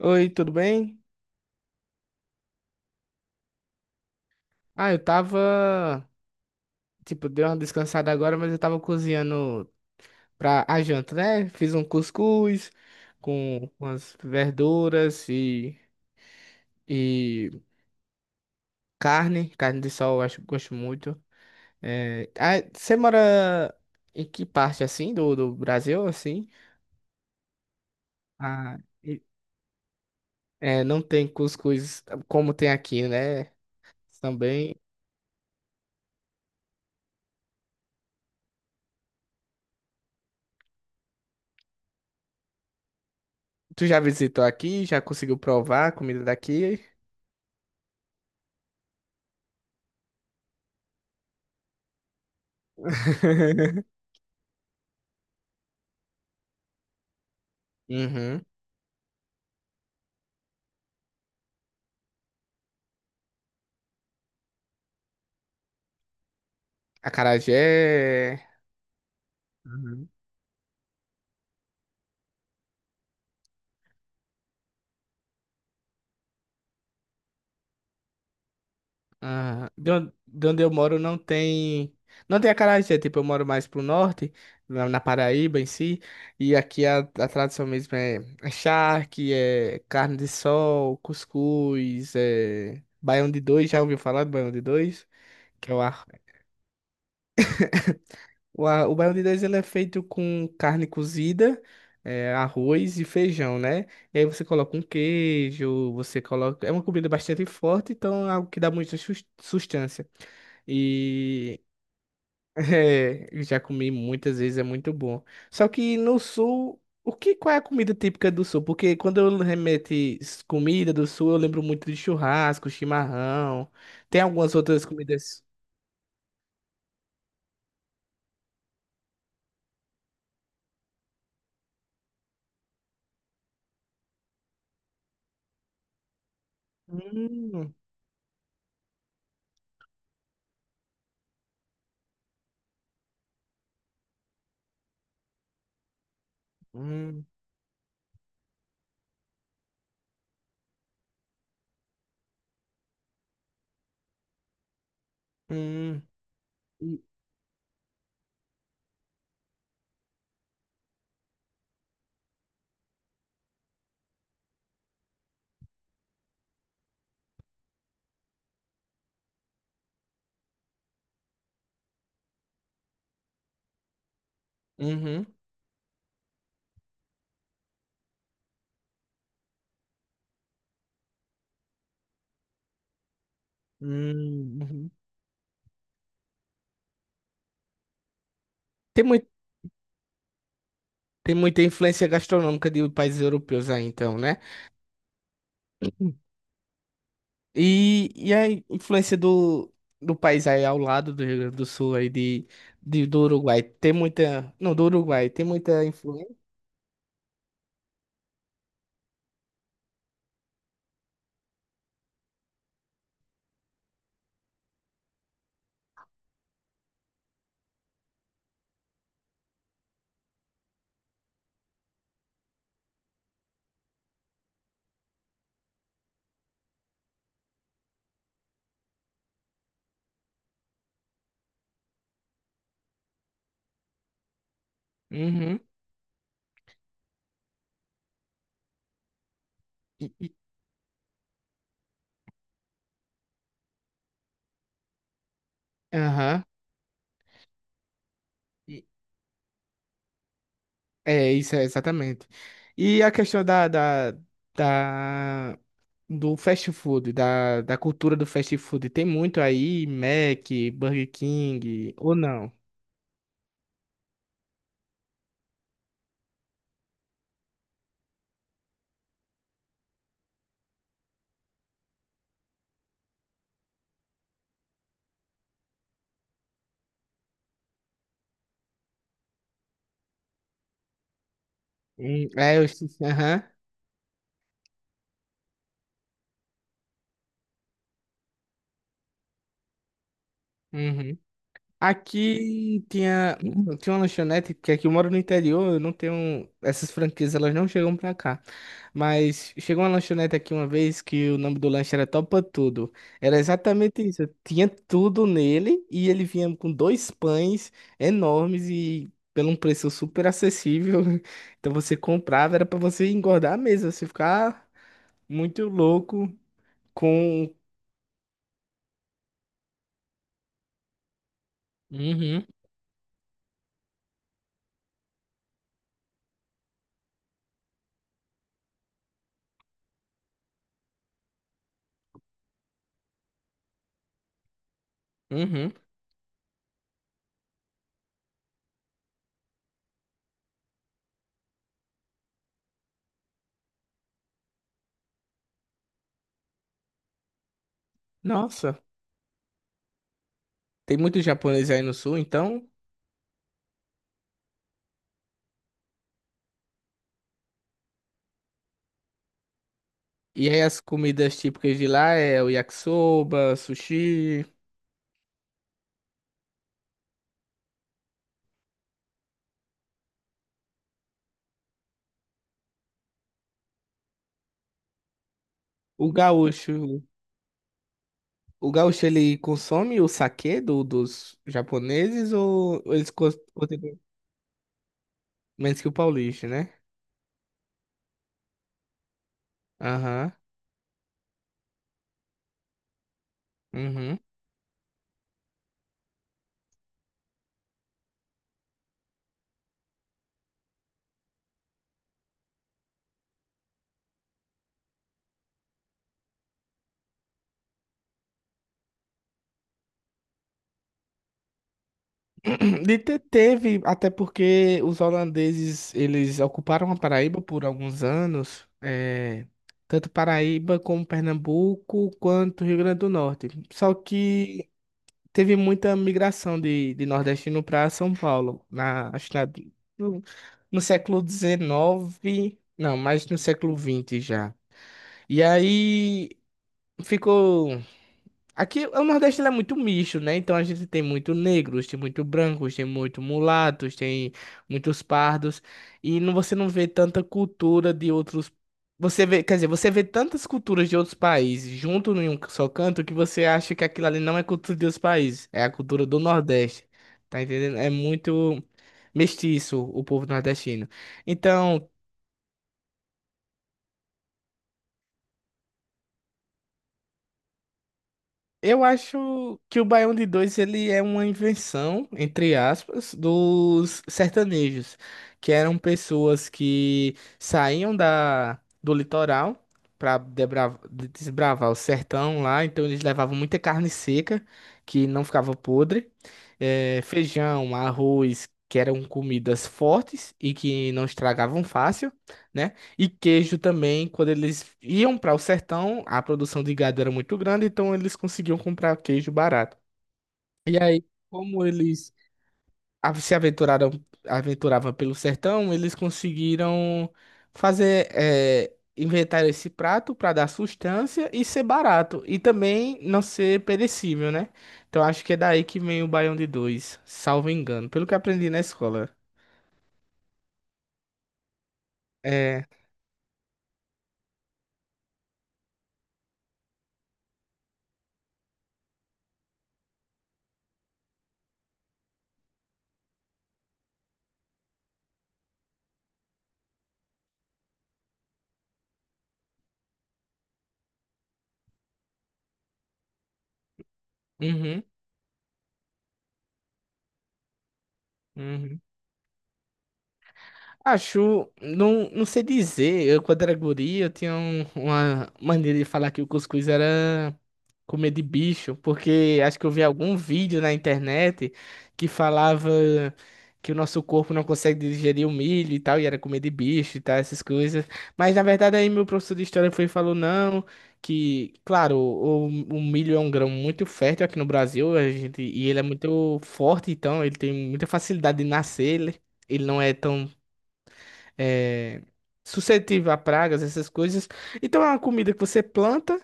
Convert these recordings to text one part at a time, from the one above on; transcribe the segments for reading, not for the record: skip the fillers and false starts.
Oi, tudo bem? Ah, eu tava, tipo, dei uma descansada agora, mas eu tava cozinhando pra a janta, né? Fiz um cuscuz com umas verduras e carne de sol, eu acho que gosto muito. É, ah, você mora em que parte, assim, do Brasil, assim? Ah, e- é, não tem cuscuz como tem aqui, né? Também. Tu já visitou aqui? Já conseguiu provar a comida daqui? Uhum. Acarajé. Uhum. Ah, de onde eu moro não tem. Não tem acarajé, tipo, eu moro mais pro norte, na Paraíba em si, e aqui a tradição mesmo é charque, é carne de sol, cuscuz, é baião de dois, já ouviu falar do baião de dois? Que é o arroz. O baião de dois ele é feito com carne cozida, é, arroz e feijão, né? E aí você coloca um queijo, você coloca. É uma comida bastante forte, então é algo que dá muita sustância. E é, eu já comi muitas vezes, é muito bom. Só que no sul, o que, qual é a comida típica do sul? Porque quando eu remeto comida do sul, eu lembro muito de churrasco, chimarrão. Tem algumas outras comidas. Hum, hum, hum. Hum, Uhum. Uhum. tem muito, Tem muita influência gastronômica de países europeus aí, então, né? Uhum. E a influência do país aí ao lado do Rio Grande do Sul aí do Uruguai, tem muita. Não, do Uruguai, tem muita influência. Uhum. E- e- Aham. E- É, isso é exatamente. E a questão da, do fast food, da cultura do fast food, tem muito aí, Mac, Burger King, ou não? É, eu esqueci. Aham. Uhum. Aqui tinha, tinha uma lanchonete, porque aqui eu moro no interior, eu não tenho. Essas franquias, elas não chegam pra cá. Mas chegou uma lanchonete aqui uma vez que o nome do lanche era Topa Tudo. Era exatamente isso. Tinha tudo nele e ele vinha com dois pães enormes e pelo um preço super acessível. Então você comprava, era pra você engordar mesmo, você ficar muito louco com. Uhum, uhum. Nossa. Tem muito japonês aí no sul, então. E aí as comidas típicas de lá é o yakisoba, sushi. O gaúcho, o gaúcho ele consome o saquê dos japoneses ou eles consomem menos que o paulista, né? Aham. Uhum. Teve, até porque os holandeses, eles ocuparam a Paraíba por alguns anos, é, tanto Paraíba como Pernambuco, quanto Rio Grande do Norte. Só que teve muita migração de nordestino para São Paulo, acho que no, no século XIX, não, mas no século XX já. E aí ficou. Aqui o Nordeste ele é muito misto, né? Então a gente tem muito negros, tem muito brancos, tem muito mulatos, tem muitos pardos. E não, você não vê tanta cultura de outros. Você vê, quer dizer, você vê tantas culturas de outros países junto em um só canto que você acha que aquilo ali não é cultura de outros países, é a cultura do Nordeste. Tá entendendo? É muito mestiço o povo nordestino. Então. Eu acho que o Baião de Dois ele é uma invenção, entre aspas, dos sertanejos, que eram pessoas que saíam do litoral para desbravar o sertão lá, então eles levavam muita carne seca, que não ficava podre, feijão, arroz, que eram comidas fortes e que não estragavam fácil, né? E queijo também, quando eles iam para o sertão, a produção de gado era muito grande, então eles conseguiam comprar queijo barato. E aí, como eles se aventuravam pelo sertão, eles conseguiram fazer, inventar esse prato para dar sustância e ser barato, e também não ser perecível, né? Então acho que é daí que vem o baião de dois, salvo engano, pelo que aprendi na escola. É. Uhum. Uhum. Acho, não, não sei dizer. Eu, quando era guri, eu tinha uma maneira de falar que o cuscuz era comer de bicho, porque acho que eu vi algum vídeo na internet que falava que o nosso corpo não consegue digerir o milho e tal, e era comer de bicho e tal, essas coisas. Mas na verdade, aí meu professor de história foi e falou: não, que, claro, o milho é um grão muito fértil aqui no Brasil, a gente, e ele é muito forte, então ele tem muita facilidade de nascer. Ele não é tão é, suscetível a pragas, essas coisas. Então é uma comida que você planta,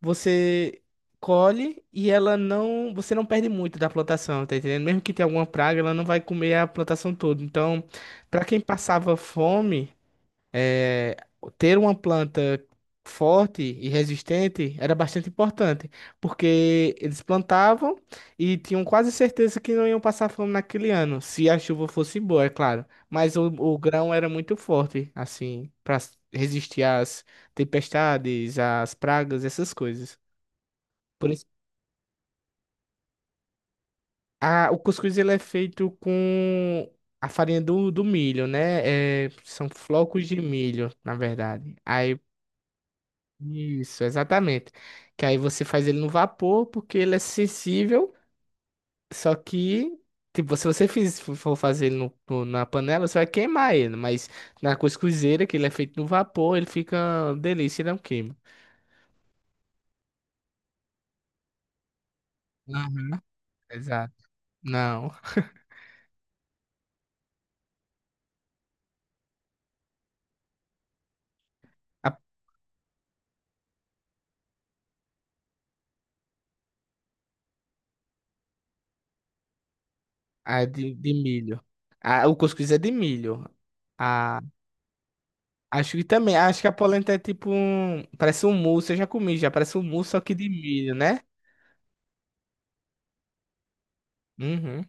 você colhe e ela não, você não perde muito da plantação, tá entendendo? Mesmo que tenha alguma praga, ela não vai comer a plantação toda. Então, para quem passava fome é, ter uma planta forte e resistente era bastante importante, porque eles plantavam e tinham quase certeza que não iam passar fome naquele ano, se a chuva fosse boa, é claro. Mas o grão era muito forte, assim, para resistir às tempestades, às pragas, essas coisas. Por isso, o cuscuz ele é feito com a farinha do milho, né? É, são flocos de milho, na verdade. Aí isso, exatamente. Que aí você faz ele no vapor porque ele é sensível, só que tipo, se você for fazer ele na panela, você vai queimar ele, mas na cuscuzeira, que ele é feito no vapor, ele fica uma delícia, ele não queima. Uhum. Exato. Não, a, a de milho. A, o cuscuz é de milho. A, acho que também, acho que a polenta é tipo um, parece um mousse, eu já comi, já parece um mousse, só que de milho, né? Uhum.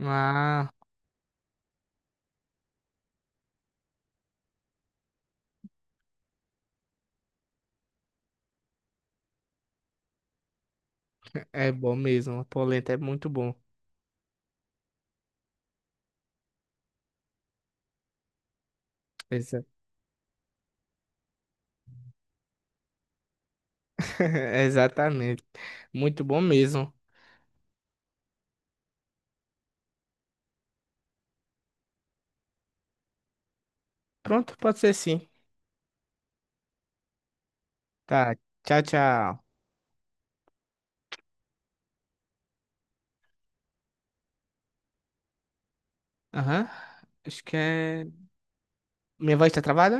Ah. É bom mesmo, a polenta é muito bom. Exa- Exatamente. Muito bom mesmo. Pronto, pode ser sim. Tá, tchau, tchau. Aham. Acho que é. Minha voz tá travada?